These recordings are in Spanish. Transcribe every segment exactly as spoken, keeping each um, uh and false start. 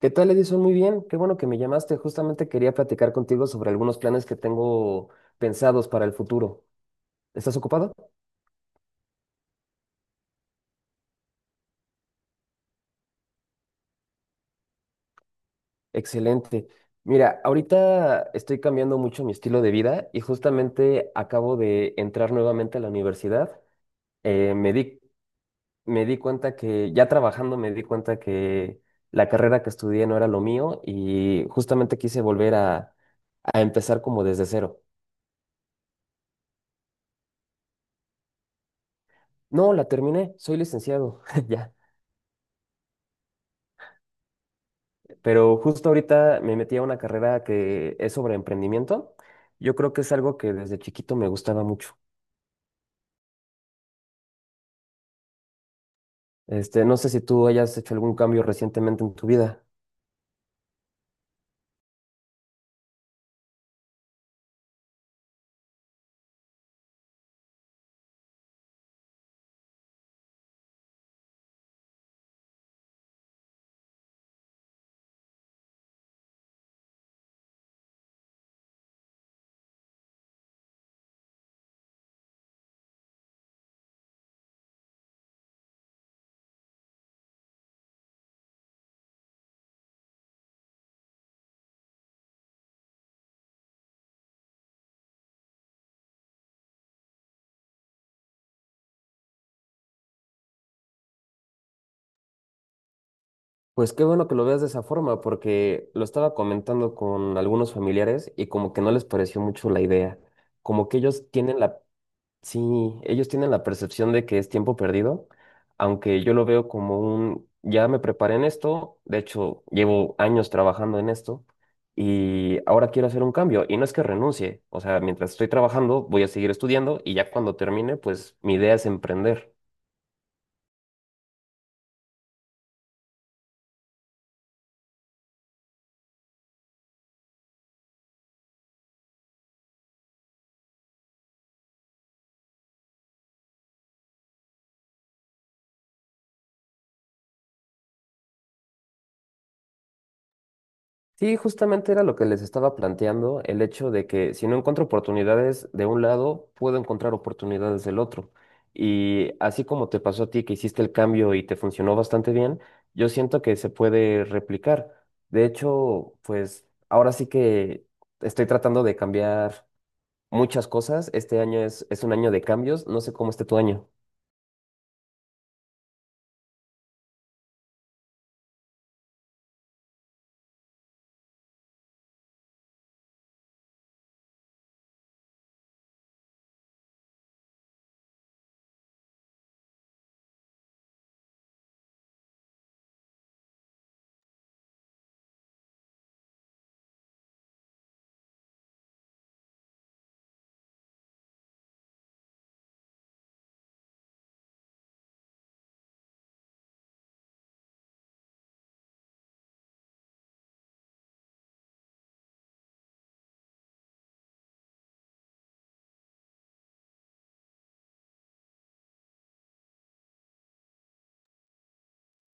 ¿Qué tal, Edison? Muy bien, qué bueno que me llamaste. Justamente quería platicar contigo sobre algunos planes que tengo pensados para el futuro. ¿Estás ocupado? Excelente. Mira, ahorita estoy cambiando mucho mi estilo de vida y justamente acabo de entrar nuevamente a la universidad. Eh, me di, Me di cuenta que, ya trabajando, me di cuenta que la carrera que estudié no era lo mío y justamente quise volver a, a empezar como desde cero. No, la terminé, soy licenciado, ya. Pero justo ahorita me metí a una carrera que es sobre emprendimiento. Yo creo que es algo que desde chiquito me gustaba mucho. Este, no sé si tú hayas hecho algún cambio recientemente en tu vida. Pues qué bueno que lo veas de esa forma, porque lo estaba comentando con algunos familiares y como que no les pareció mucho la idea. Como que ellos tienen la. Sí, ellos tienen la percepción de que es tiempo perdido, aunque yo lo veo como un, ya me preparé en esto, de hecho llevo años trabajando en esto y ahora quiero hacer un cambio y no es que renuncie, o sea, mientras estoy trabajando voy a seguir estudiando y ya cuando termine, pues mi idea es emprender. Sí, justamente era lo que les estaba planteando, el hecho de que si no encuentro oportunidades de un lado, puedo encontrar oportunidades del otro. Y así como te pasó a ti que hiciste el cambio y te funcionó bastante bien, yo siento que se puede replicar. De hecho, pues ahora sí que estoy tratando de cambiar muchas cosas. Este año es, es un año de cambios, no sé cómo esté tu año.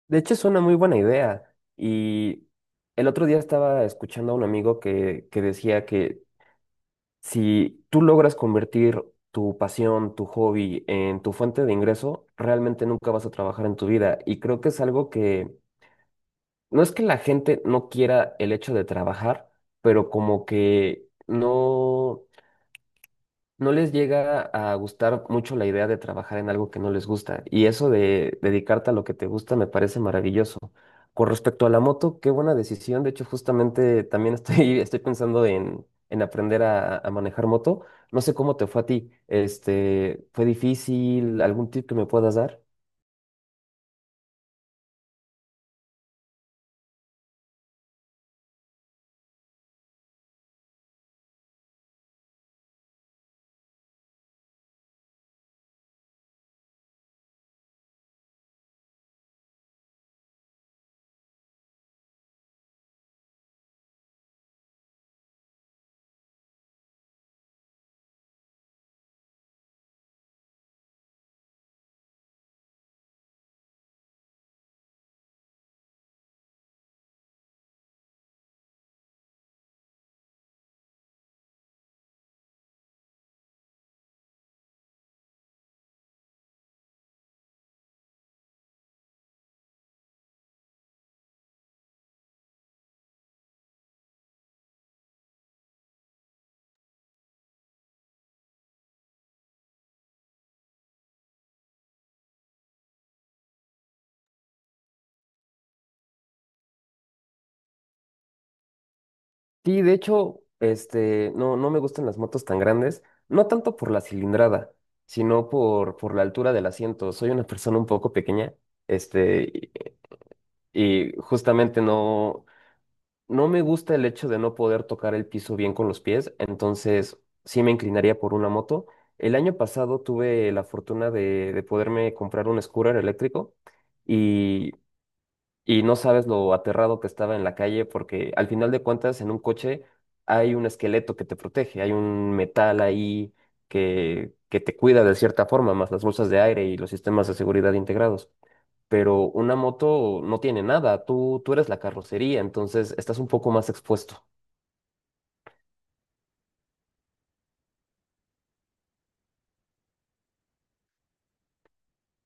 De hecho, es una muy buena idea. Y el otro día estaba escuchando a un amigo que, que decía que si tú logras convertir tu pasión, tu hobby en tu fuente de ingreso, realmente nunca vas a trabajar en tu vida. Y creo que es algo que no es que la gente no quiera el hecho de trabajar, pero como que no no les llega a gustar mucho la idea de trabajar en algo que no les gusta. Y eso de dedicarte a lo que te gusta me parece maravilloso. Con respecto a la moto, qué buena decisión. De hecho, justamente también estoy, estoy pensando en, en aprender a, a manejar moto. No sé cómo te fue a ti. Este, ¿fue difícil? ¿Algún tip que me puedas dar? Sí, de hecho, este, no, no me gustan las motos tan grandes, no tanto por, la cilindrada, sino por, por la altura del asiento. Soy una persona un poco pequeña. Este, Y justamente no, no me gusta el hecho de no poder tocar el piso bien con los pies, entonces sí me inclinaría por una moto. El año pasado tuve la fortuna de, de poderme comprar un scooter eléctrico y, y no sabes lo aterrado que estaba en la calle porque al final de cuentas en un coche hay un esqueleto que te protege, hay un metal ahí que, que te cuida de cierta forma, más las bolsas de aire y los sistemas de seguridad integrados, pero una moto no tiene nada, tú, tú eres la carrocería, entonces estás un poco más expuesto.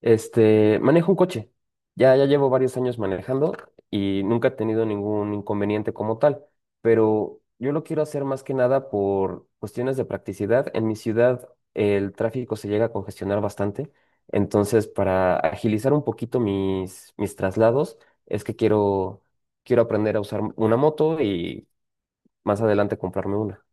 Este, manejo un coche, ya, ya llevo varios años manejando y nunca he tenido ningún inconveniente como tal, pero yo lo quiero hacer más que nada por cuestiones de practicidad. En mi ciudad el tráfico se llega a congestionar bastante, entonces para agilizar un poquito mis, mis traslados es que quiero, quiero aprender a usar una moto y más adelante comprarme una.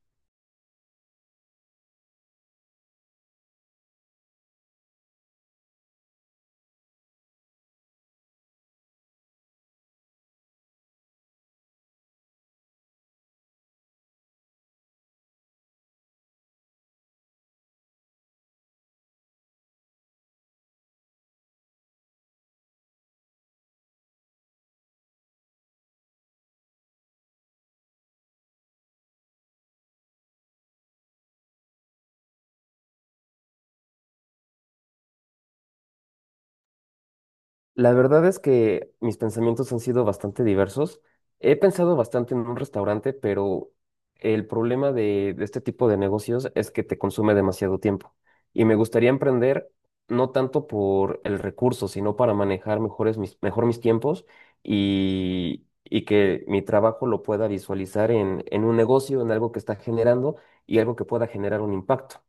La verdad es que mis pensamientos han sido bastante diversos. He pensado bastante en un restaurante, pero el problema de, de este tipo de negocios es que te consume demasiado tiempo. Y me gustaría emprender no tanto por el recurso, sino para manejar mejores mis, mejor mis tiempos y, y que mi trabajo lo pueda visualizar en, en un negocio, en algo que está generando y algo que pueda generar un impacto.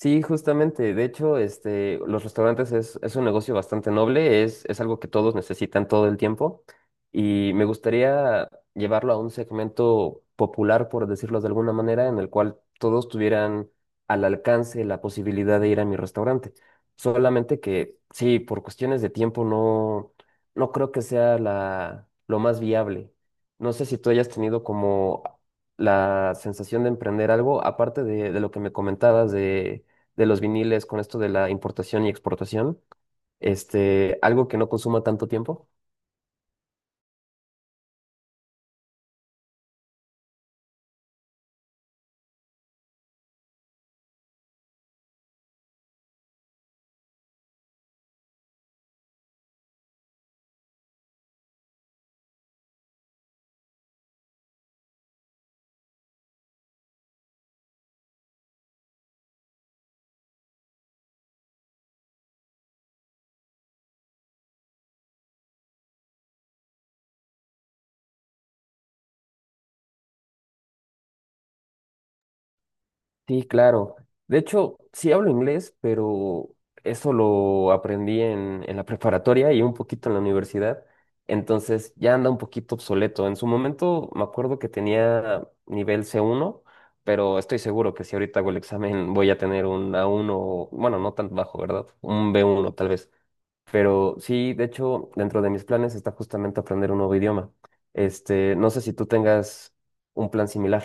Sí, justamente. De hecho, este, los restaurantes es, es un negocio bastante noble, es, es algo que todos necesitan todo el tiempo y me gustaría llevarlo a un segmento popular, por decirlo de alguna manera, en el cual todos tuvieran al alcance la posibilidad de ir a mi restaurante. Solamente que, sí, por cuestiones de tiempo no, no creo que sea la, lo más viable. No sé si tú hayas tenido como la sensación de emprender algo, aparte de, de lo que me comentabas de, de los viniles con esto de la importación y exportación, este, algo que no consuma tanto tiempo. Sí, claro. De hecho, sí hablo inglés, pero eso lo aprendí en, en la preparatoria y un poquito en la universidad. Entonces ya anda un poquito obsoleto. En su momento me acuerdo que tenía nivel c uno, pero estoy seguro que si ahorita hago el examen voy a tener un a uno bueno, no tan bajo, ¿verdad? Un b uno tal vez. Pero sí, de hecho, dentro de mis planes está justamente aprender un nuevo idioma. Este, no sé si tú tengas un plan similar.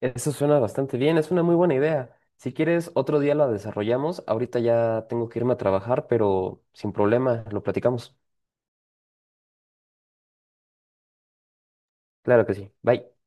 Eso suena bastante bien, es una muy buena idea. Si quieres, otro día la desarrollamos. Ahorita ya tengo que irme a trabajar, pero sin problema, lo platicamos. Claro que sí. Bye.